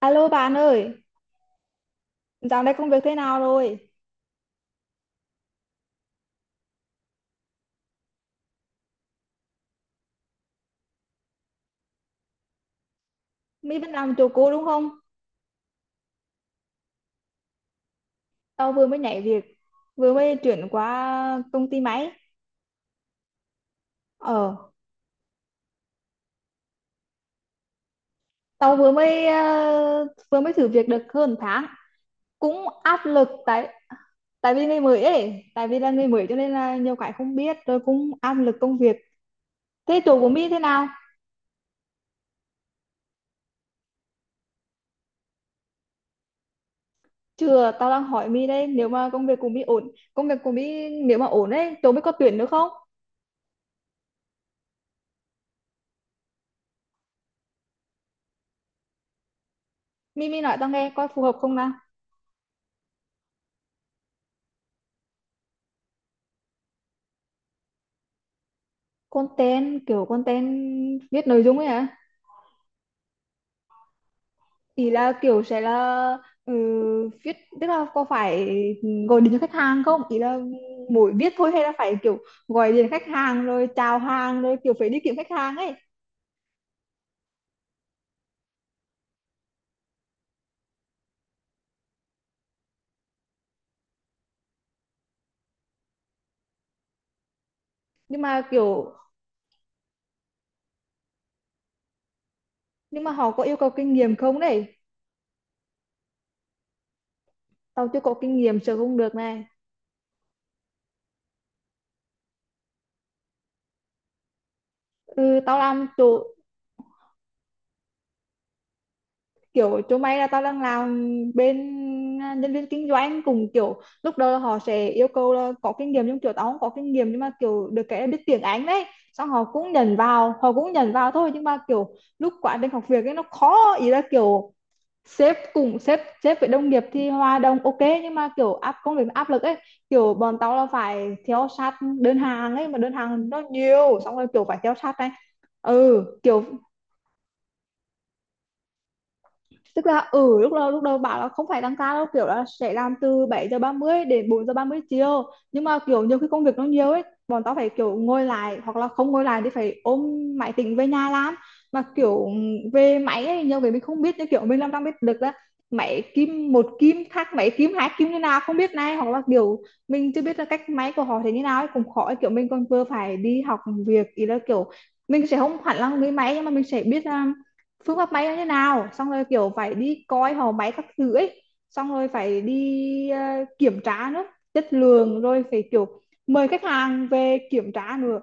Alo bạn ơi, dạo này công việc thế nào rồi? My vẫn làm chỗ cũ đúng không? Tao vừa mới nhảy việc, vừa mới chuyển qua công ty máy. Ờ, tao vừa mới vừa mới thử việc được hơn tháng. Cũng áp lực tại tại vì người mới ấy, tại vì là người mới cho nên là nhiều cái không biết, rồi cũng áp lực công việc. Thế chỗ của My thế nào? Chưa, tao đang hỏi Mi đây, nếu mà công việc của Mi ổn, công việc của Mi nếu mà ổn ấy, chỗ My có tuyển nữa không? Mi Mi nói tao nghe coi phù hợp không nào? Content, kiểu content viết nội dung ấy hả? Thì là kiểu sẽ là, ừ, viết, tức là có phải gọi điện cho khách hàng không, ý là mỗi viết thôi hay là phải kiểu gọi điện khách hàng rồi chào hàng rồi kiểu phải đi kiếm khách hàng ấy? Nhưng mà kiểu, nhưng mà họ có yêu cầu kinh nghiệm không đấy? Tao chưa có kinh nghiệm, sợ không được này. Ừ, tao làm chỗ kiểu chỗ mày là tao đang làm bên, nhân viên kinh doanh, cùng kiểu lúc đầu là họ sẽ yêu cầu là có kinh nghiệm, nhưng kiểu tao không có kinh nghiệm nhưng mà kiểu được cái là biết tiếng Anh đấy, xong họ cũng nhận vào, họ cũng nhận vào thôi, nhưng mà kiểu lúc quá trình học việc ấy nó khó, ý là kiểu sếp cùng sếp sếp với đồng nghiệp thì hòa đồng ok, nhưng mà kiểu áp công việc nó áp lực ấy, kiểu bọn tao là phải theo sát đơn hàng ấy, mà đơn hàng nó nhiều xong rồi kiểu phải theo sát này. Ừ kiểu, tức là, ừ, lúc đầu bảo là không phải tăng ca đâu, kiểu là sẽ làm từ 7 giờ 30 đến 4 giờ 30 chiều, nhưng mà kiểu nhiều khi công việc nó nhiều ấy, bọn tao phải kiểu ngồi lại hoặc là không ngồi lại thì phải ôm máy tính về nhà làm. Mà kiểu về máy ấy, nhiều cái mình không biết, như kiểu mình làm trong biết được là máy kim một kim khác máy kim hai kim như nào không biết này, hoặc là kiểu mình chưa biết là cách máy của họ thế như nào ấy cũng khó ấy. Kiểu mình còn vừa phải đi học việc, ý là kiểu mình sẽ không hẳn là người máy nhưng mà mình sẽ biết phương pháp may nó như nào, xong rồi kiểu phải đi coi họ máy các thứ ấy, xong rồi phải đi, kiểm tra nữa, chất lượng, rồi phải kiểu mời khách hàng về kiểm tra nữa.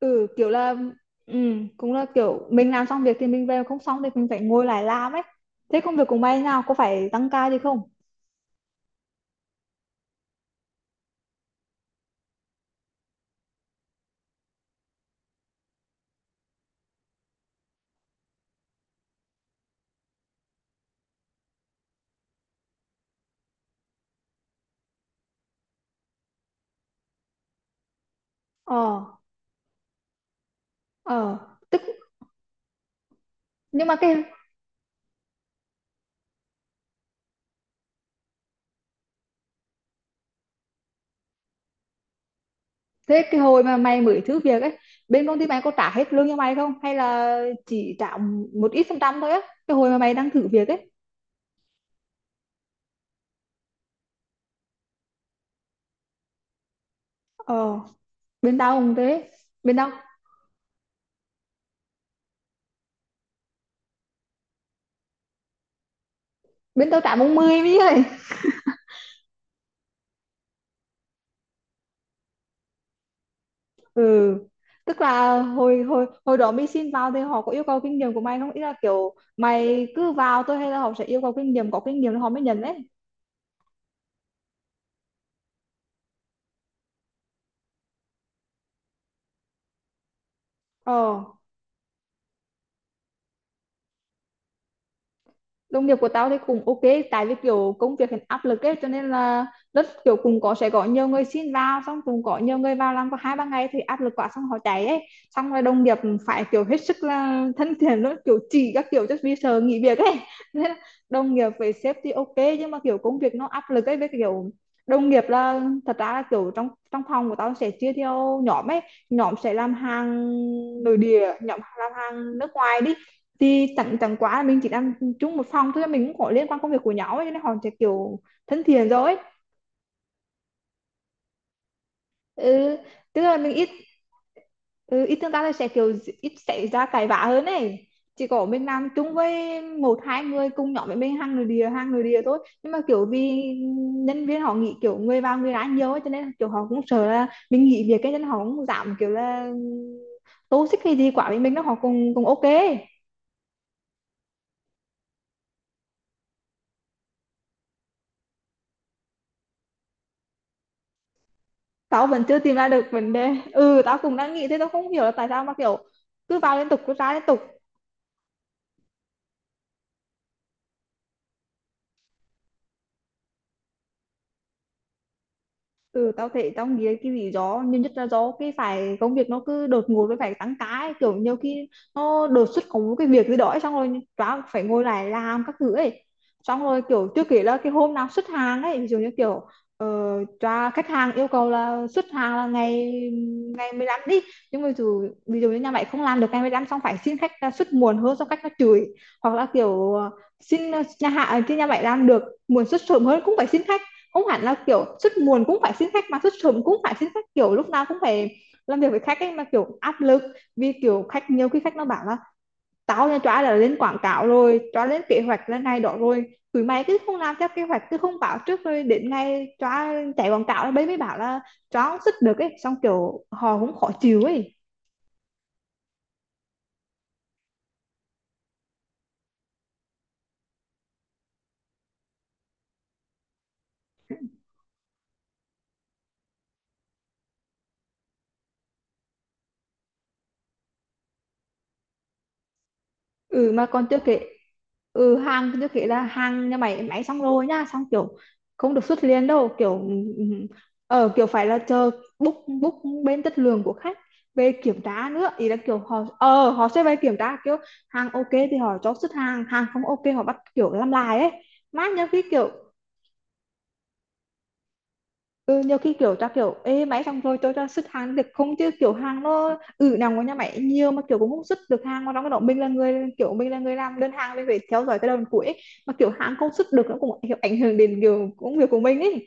Ừ kiểu là, ừ, cũng là kiểu mình làm xong việc thì mình về, không xong thì mình phải ngồi lại làm ấy. Thế công việc của mày nào có phải tăng ca gì không? Ờ. Ờ. tức nhưng mà cái, thế cái hồi mà mày mới thử việc ấy, bên công ty mày có trả hết lương cho mày không hay là chỉ trả một ít phần trăm thôi á, cái hồi mà mày đang thử việc ấy? Ờ, bên tao cũng thế. bên tao Bên tao trả 40 mấy ơi. Ừ, tức là hồi hồi hồi đó mày xin vào thì họ có yêu cầu kinh nghiệm của mày không, ý là kiểu mày cứ vào thôi hay là họ sẽ yêu cầu kinh nghiệm, có kinh nghiệm thì họ mới nhận đấy? Ờ, đồng nghiệp của tao thì cũng ok, tại vì kiểu công việc hiện áp lực ấy, cho nên là rất kiểu cùng có sẽ có nhiều người xin vào, xong cùng có nhiều người vào làm có hai ba ngày thì áp lực quá xong họ chạy ấy, xong rồi đồng nghiệp phải kiểu hết sức là thân thiện luôn, kiểu chỉ các kiểu cho vì sợ nghỉ việc ấy nên là đồng nghiệp với sếp thì ok, nhưng mà kiểu công việc nó áp lực ấy, với kiểu đồng nghiệp là, thật ra là kiểu trong trong phòng của tao sẽ chia theo nhóm ấy, nhóm sẽ làm hàng nội địa, nhóm làm hàng nước ngoài đi, thì tặng tặng quá là mình chỉ đang chung một phòng thôi, mình cũng có liên quan công việc của nhau ấy cho nên họ sẽ kiểu thân thiện rồi ấy. Ừ, tức là mình ít, ừ, ít tương tác thì sẽ kiểu ít xảy ra cãi vã hơn ấy, chỉ có mình làm chung với một hai người cùng nhóm với mình, hàng người địa thôi nhưng mà kiểu vì nhân viên họ nghĩ kiểu người vào người ra nhiều ấy, cho nên kiểu họ cũng sợ là mình nghỉ việc cái nên họ cũng giảm kiểu là tô xích hay gì quả với mình đó, họ cũng, cũng ok. Tao vẫn chưa tìm ra được vấn đề, ừ tao cũng đang nghĩ thế, tao không hiểu là tại sao mà kiểu cứ vào liên tục cứ ra liên tục. Ừ tao thấy tao nghĩ cái lý do nhiều nhất là do cái phải công việc nó cứ đột ngột với phải tăng ca ấy. Kiểu nhiều khi nó đột xuất có một cái việc gì đó ấy, xong rồi tao phải ngồi lại làm các thứ ấy, xong rồi kiểu chưa kể là cái hôm nào xuất hàng ấy, ví dụ như kiểu khách hàng yêu cầu là xuất hàng là ngày ngày 15 đi, nhưng mà ví dụ, như nhà mày không làm được ngày 15 xong phải xin khách ra xuất muộn hơn, xong khách nó chửi. Hoặc là kiểu, xin, nhà hạ thì nhà mày làm được muộn, xuất sớm hơn cũng phải xin khách, không hẳn là kiểu xuất muộn cũng phải xin khách mà xuất sớm cũng phải xin khách, kiểu lúc nào cũng phải làm việc với khách ấy, mà kiểu áp lực. Vì kiểu khách nhiều khi khách nó bảo là tao nha chóa đã lên quảng cáo rồi, chóa lên kế hoạch lên này đó rồi, tụi mày cứ không làm theo kế hoạch, cứ không bảo trước rồi đến ngày chóa chạy quảng cáo đấy mới bảo là chóa không sức được ấy, xong kiểu họ cũng khó chịu ấy. Ừ mà còn chưa kể, ừ hàng chưa kể là hàng nhà máy máy xong rồi nhá, xong kiểu không được xuất liền đâu kiểu, ừ, ừ. Ờ kiểu phải là chờ book book bên chất lượng của khách về kiểm tra nữa, ý là kiểu họ ờ họ sẽ về kiểm tra kiểu hàng ok thì họ cho xuất hàng, hàng không ok họ bắt kiểu làm lại ấy, mát nhá cái kiểu. Ừ, nhiều khi kiểu ta kiểu ê máy xong rồi tôi cho xuất hàng được không, chứ kiểu hàng nó ừ nằm của nhà máy nhiều mà kiểu cũng không xuất được hàng, mà trong cái đó mình là người kiểu mình là người làm đơn hàng, mình phải theo dõi cái đầu cuối ấy. Mà kiểu hàng không xuất được nó cũng kiểu ảnh hưởng đến kiểu công việc của mình ấy.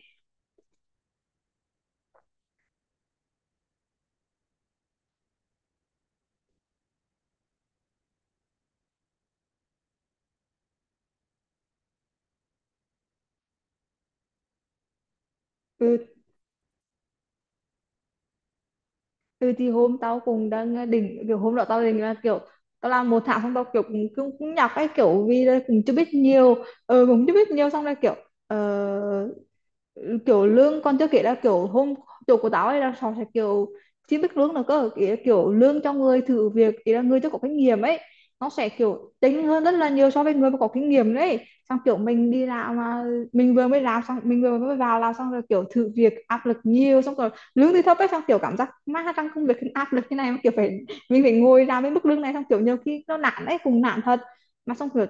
Ừ, ừ thì hôm tao cũng đang, định kiểu hôm đó tao định là kiểu tao làm một tháng xong tao kiểu cũng nhọc ấy, kiểu vì là cũng chưa biết nhiều. Ừ, cũng chưa biết nhiều xong rồi kiểu, ờ, ừ, kiểu lương còn chưa kể là kiểu hôm chỗ của tao ấy là họ sẽ kiểu chưa biết lương là cơ, ý là kiểu lương cho người thử việc, ý là người chưa có kinh nghiệm ấy, nó sẽ kiểu tính hơn rất là nhiều so với người mà có kinh nghiệm đấy. Xong kiểu mình đi làm mà mình vừa mới làm xong mình vừa mới vào làm xong rồi kiểu thử việc áp lực nhiều xong rồi lương thì thấp ấy, xong kiểu cảm giác má trong công việc áp lực như này mà kiểu phải mình phải ngồi làm với mức lương này, xong kiểu nhiều khi nó nản ấy, cùng nản thật. Mà xong kiểu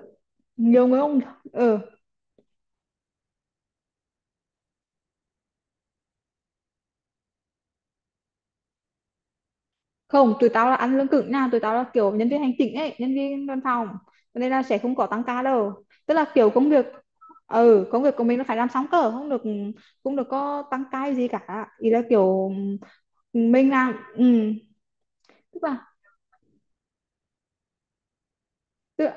nhiều người không. Ờ, không, tụi tao là ăn lương cứng nha, tụi tao là kiểu nhân viên hành chính ấy, nhân viên văn phòng. Cho nên là sẽ không có tăng ca đâu, tức là kiểu công việc, ừ công việc của mình nó phải làm xong cơ, không được cũng được có tăng ca gì cả, ý là kiểu, ừ, mình làm, ừ, tức là, tức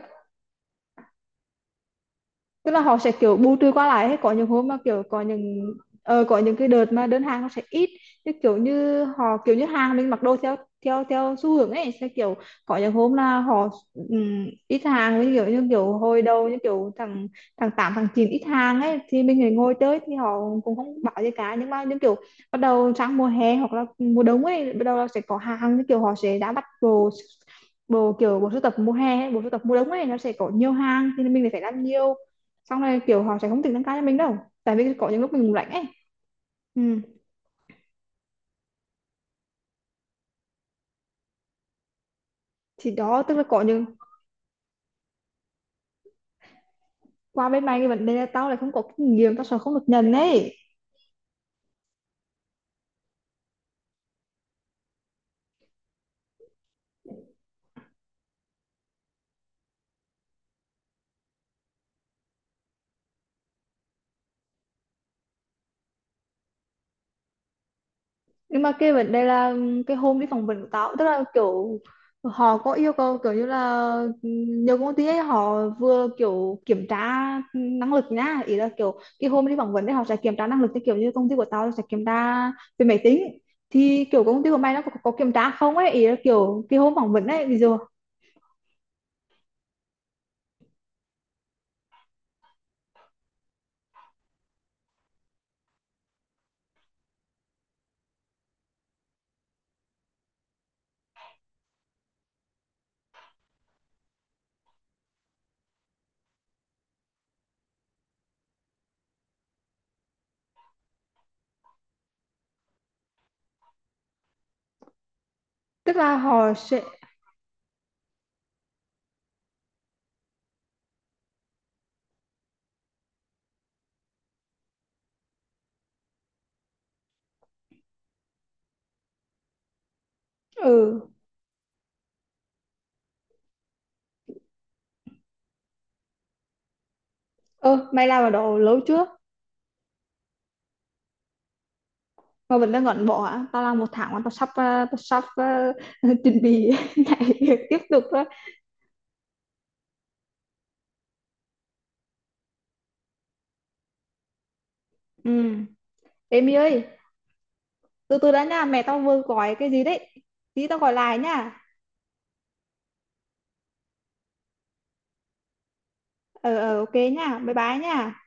tức là họ sẽ kiểu bù trừ qua lại, hay có những hôm mà kiểu có những, có những cái đợt mà đơn hàng nó sẽ ít, như kiểu như họ kiểu như hàng mình mặc đồ theo theo theo xu hướng ấy, sẽ kiểu có những hôm là họ ít hàng, với kiểu như kiểu hồi đầu như kiểu thằng thằng tám thằng chín ít hàng ấy thì mình lại ngồi chơi thì họ cũng không bảo gì cả, nhưng mà những kiểu bắt đầu sang mùa hè hoặc là mùa đông ấy bắt đầu là sẽ có hàng, như kiểu họ sẽ đã bắt đồ bộ, kiểu bộ sưu tập mùa hè hay bộ sưu tập mùa đông ấy nó sẽ có nhiều hàng thì mình lại phải làm nhiều, xong rồi kiểu họ sẽ không tính tăng ca cho mình đâu, tại vì có những lúc mình lạnh ấy. Ừ. Thì đó tức là có những, qua bên mày cái vấn đề là tao lại không có kinh nghiệm, tao sợ không được nhận ấy. Nhưng mà cái vấn đề là cái hôm đi phỏng vấn của tao, tức là kiểu họ có yêu cầu kiểu như là, ừ, nhiều công ty ấy họ vừa kiểu kiểm tra năng lực nhá, ý là kiểu cái hôm đi phỏng vấn đấy họ sẽ kiểm tra năng lực, như kiểu như công ty của tao sẽ kiểm tra về máy tính, thì kiểu công ty của mày nó có kiểm tra không ấy, ý là kiểu cái hôm phỏng vấn ấy ví dụ, tức là họ sẽ, ừ. Ơ mày làm ở đó lâu chưa mà vẫn đang ngẩn bỏ hả? Tao làm một tháng mà tao sắp, tao sắp, chuẩn bị nhảy việc tiếp tục rồi. Ừ, em ơi, từ từ đã nha, mẹ tao vừa gọi cái gì đấy, tí tao gọi lại nha. Ờ ờ ok nha, bye bye nha.